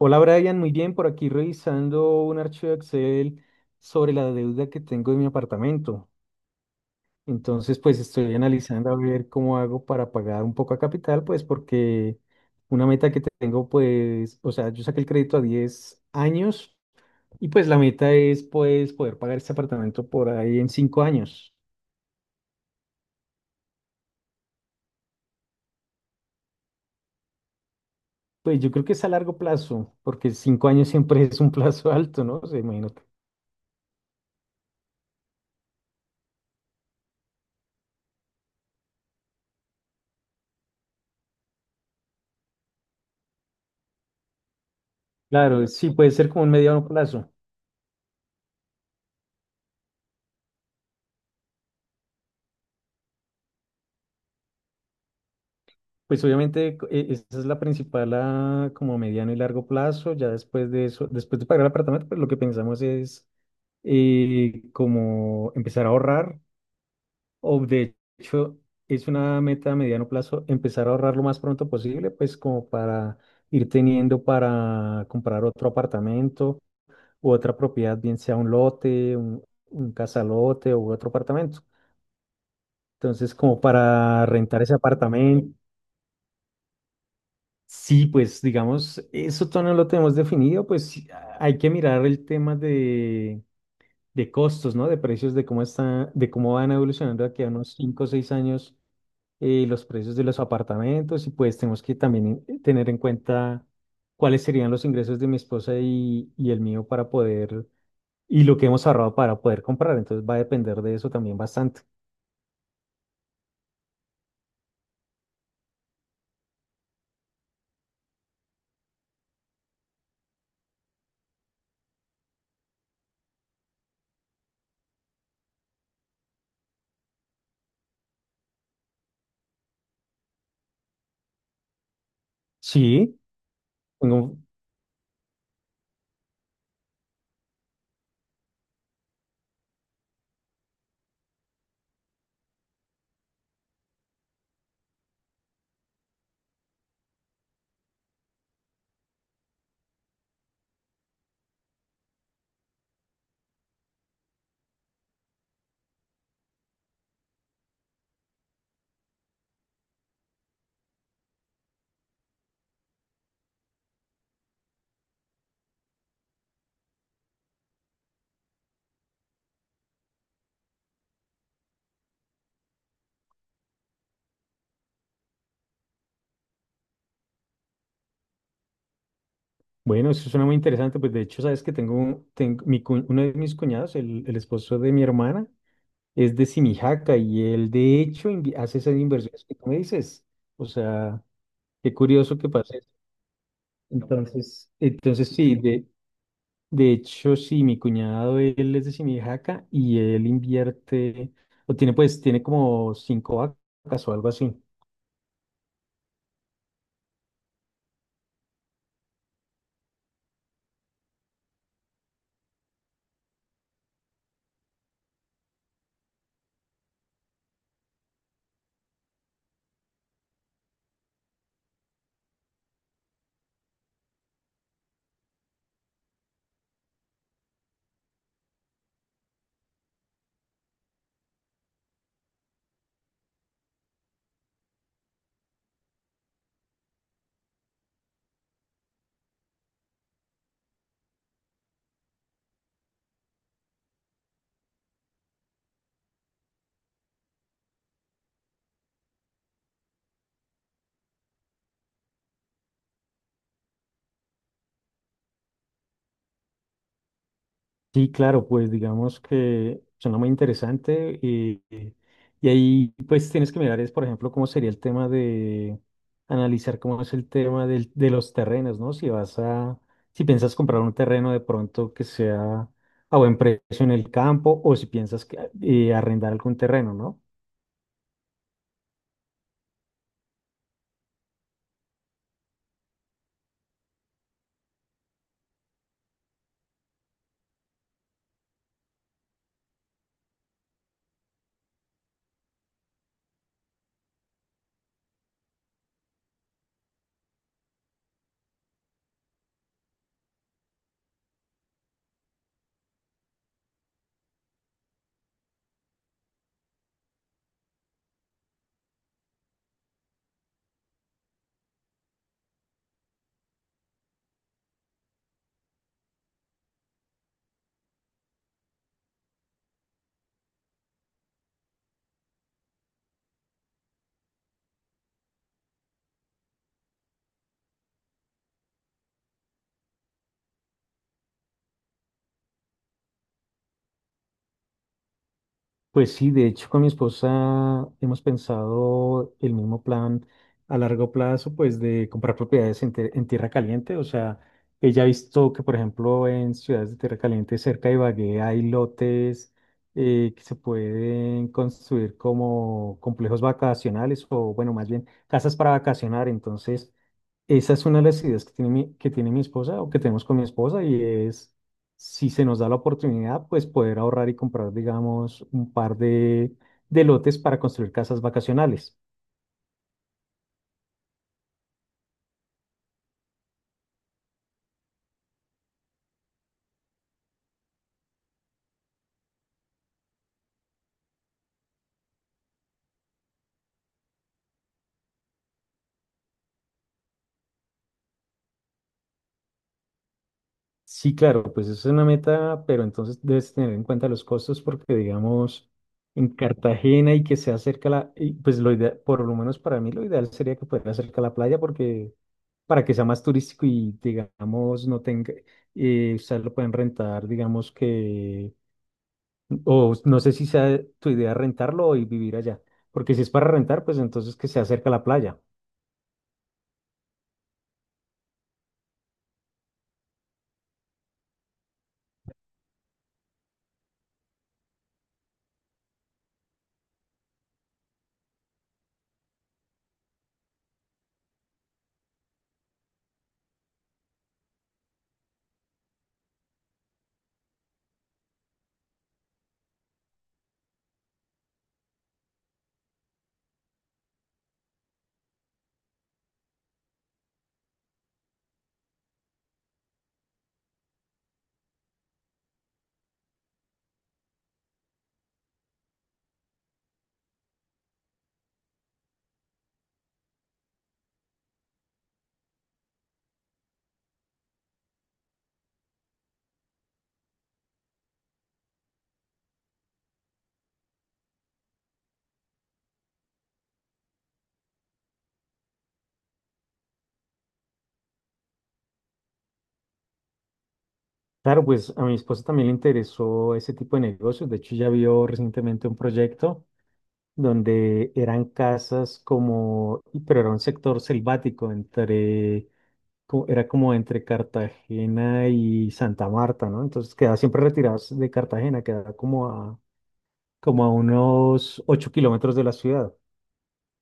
Hola Brian, muy bien, por aquí revisando un archivo de Excel sobre la deuda que tengo de mi apartamento. Entonces, pues estoy analizando a ver cómo hago para pagar un poco a capital, pues porque una meta que tengo, pues, o sea, yo saqué el crédito a 10 años y pues la meta es, pues, poder pagar este apartamento por ahí en 5 años. Pues yo creo que es a largo plazo, porque 5 años siempre es un plazo alto, ¿no? O sea, imagínate. Claro, sí, puede ser como un mediano plazo. Pues obviamente esa es la principal a como mediano y largo plazo. Ya después de eso, después de pagar el apartamento, pues lo que pensamos es como empezar a ahorrar. O de hecho, es una meta a mediano plazo empezar a ahorrar lo más pronto posible, pues como para ir teniendo para comprar otro apartamento u otra propiedad, bien sea un lote, un casalote u otro apartamento. Entonces, como para rentar ese apartamento. Sí, pues digamos, eso todavía no lo tenemos definido, pues sí, hay que mirar el tema de costos, ¿no? De precios, de cómo está, de cómo van evolucionando aquí a unos 5 o 6 años los precios de los apartamentos y pues tenemos que también tener en cuenta cuáles serían los ingresos de mi esposa y el mío para poder, y lo que hemos ahorrado para poder comprar, entonces va a depender de eso también bastante. Sí, tengo. Bueno, eso suena muy interesante. Pues de hecho, sabes que tengo mi, uno de mis cuñados, el esposo de mi hermana, es de Simijaca y él de hecho hace esas inversiones que tú me dices. O sea, qué curioso que pase eso. Entonces, sí, de hecho, sí, mi cuñado, él es de Simijaca y él invierte, o tiene pues, tiene como cinco vacas o algo así. Sí, claro, pues digamos que suena muy interesante y ahí pues tienes que mirar es, por ejemplo, cómo sería el tema de analizar cómo es el tema de los terrenos, ¿no? Si piensas comprar un terreno de pronto que sea a buen precio en el campo o si piensas que, arrendar algún terreno, ¿no? Pues sí, de hecho con mi esposa hemos pensado el mismo plan a largo plazo, pues de comprar propiedades en, en tierra caliente. O sea, ella ha visto que, por ejemplo, en ciudades de tierra caliente cerca de Ibagué hay lotes que se pueden construir como complejos vacacionales o, bueno, más bien casas para vacacionar. Entonces, esa es una de las ideas que que tiene mi esposa o que tenemos con mi esposa y es, si se nos da la oportunidad, pues poder ahorrar y comprar, digamos, un par de lotes para construir casas vacacionales. Sí, claro, pues eso es una meta, pero entonces debes tener en cuenta los costos porque, digamos, en Cartagena y que sea cerca pues lo ideal, por lo menos para mí lo ideal sería que fuera cerca a la playa porque para que sea más turístico y, digamos, no tenga, ustedes lo pueden rentar, digamos que. O no sé si sea tu idea rentarlo y vivir allá, porque si es para rentar, pues entonces que se acerca a la playa. Claro, pues a mi esposa también le interesó ese tipo de negocios. De hecho, ya vio recientemente un proyecto donde eran casas como, pero era un sector selvático entre, era como entre Cartagena y Santa Marta, ¿no? Entonces quedaba siempre retirados de Cartagena, quedaba como a unos 8 kilómetros de la ciudad.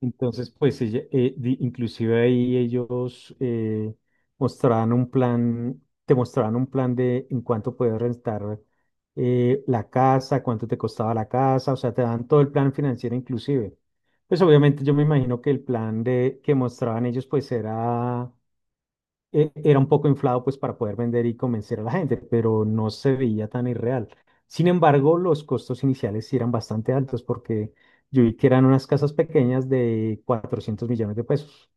Entonces, pues ella, inclusive ahí ellos mostraban un plan, te mostraban un plan de en cuánto puedes rentar la casa, cuánto te costaba la casa, o sea, te dan todo el plan financiero inclusive. Pues obviamente yo me imagino que el plan que mostraban ellos pues era era un poco inflado pues para poder vender y convencer a la gente, pero no se veía tan irreal. Sin embargo, los costos iniciales sí eran bastante altos porque yo vi que eran unas casas pequeñas de $400 millones.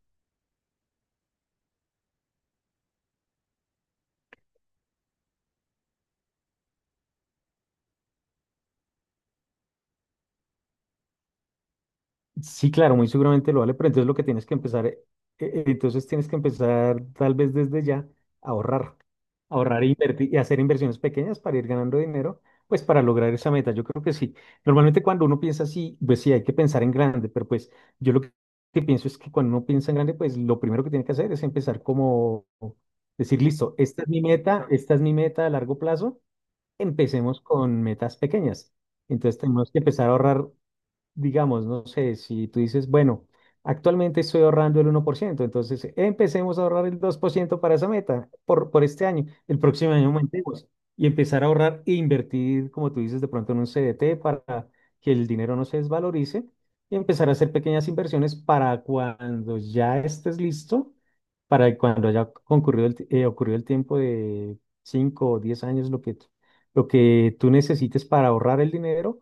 Sí, claro, muy seguramente lo vale, pero entonces lo que tienes que empezar, entonces tienes que empezar tal vez desde ya a ahorrar, ahorrar e invertir y hacer inversiones pequeñas para ir ganando dinero, pues para lograr esa meta. Yo creo que sí. Normalmente cuando uno piensa así, pues sí, hay que pensar en grande, pero pues yo lo que pienso es que cuando uno piensa en grande, pues lo primero que tiene que hacer es empezar como decir, listo, esta es mi meta, esta es mi meta a largo plazo, empecemos con metas pequeñas. Entonces tenemos que empezar a ahorrar, digamos, no sé, si tú dices, bueno, actualmente estoy ahorrando el 1%, entonces empecemos a ahorrar el 2% para esa meta por este año, el próximo año aumentemos y empezar a ahorrar e invertir, como tú dices, de pronto en un CDT para que el dinero no se desvalorice y empezar a hacer pequeñas inversiones para cuando ya estés listo, para cuando haya concurrido el, ocurrido el tiempo de 5 o 10 años, lo lo que tú necesites para ahorrar el dinero,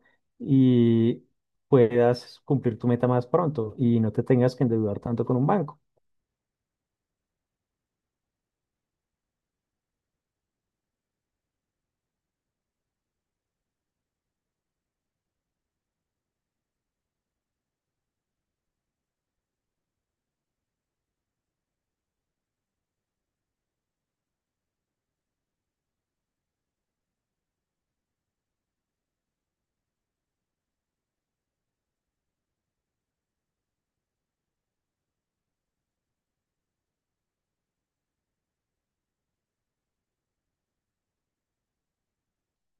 puedas cumplir tu meta más pronto y no te tengas que endeudar tanto con un banco.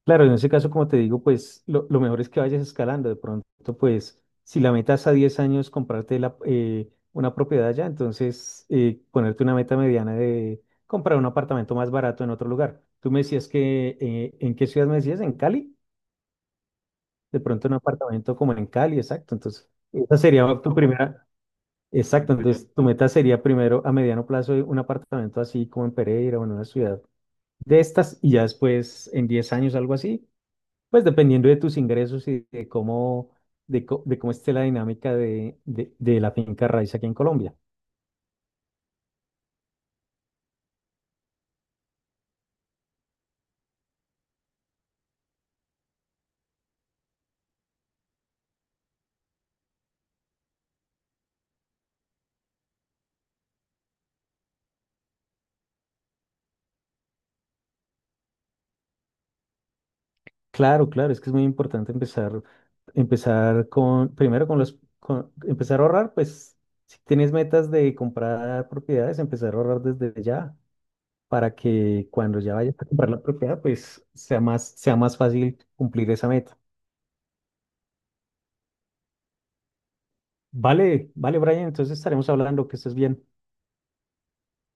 Claro, en ese caso, como te digo, pues lo mejor es que vayas escalando. De pronto, pues si la meta es a 10 años comprarte la, una propiedad ya, entonces ponerte una meta mediana de comprar un apartamento más barato en otro lugar. Tú me decías que, ¿en qué ciudad me decías? ¿En Cali? De pronto un apartamento como en Cali, exacto. Entonces, esa sería tu primera, exacto. Entonces, tu meta sería primero a mediano plazo un apartamento así como en Pereira o en una ciudad de estas y ya después en 10 años, algo así, pues dependiendo de tus ingresos y de cómo, de cómo esté la dinámica de la finca raíz aquí en Colombia. Claro, claro, es que es muy importante empezar, empezar con, primero con empezar a ahorrar, pues si tienes metas de comprar propiedades, empezar a ahorrar desde ya, para que cuando ya vayas a comprar la propiedad, pues sea más fácil cumplir esa meta. Vale, vale, Brian, entonces estaremos hablando, que estés bien.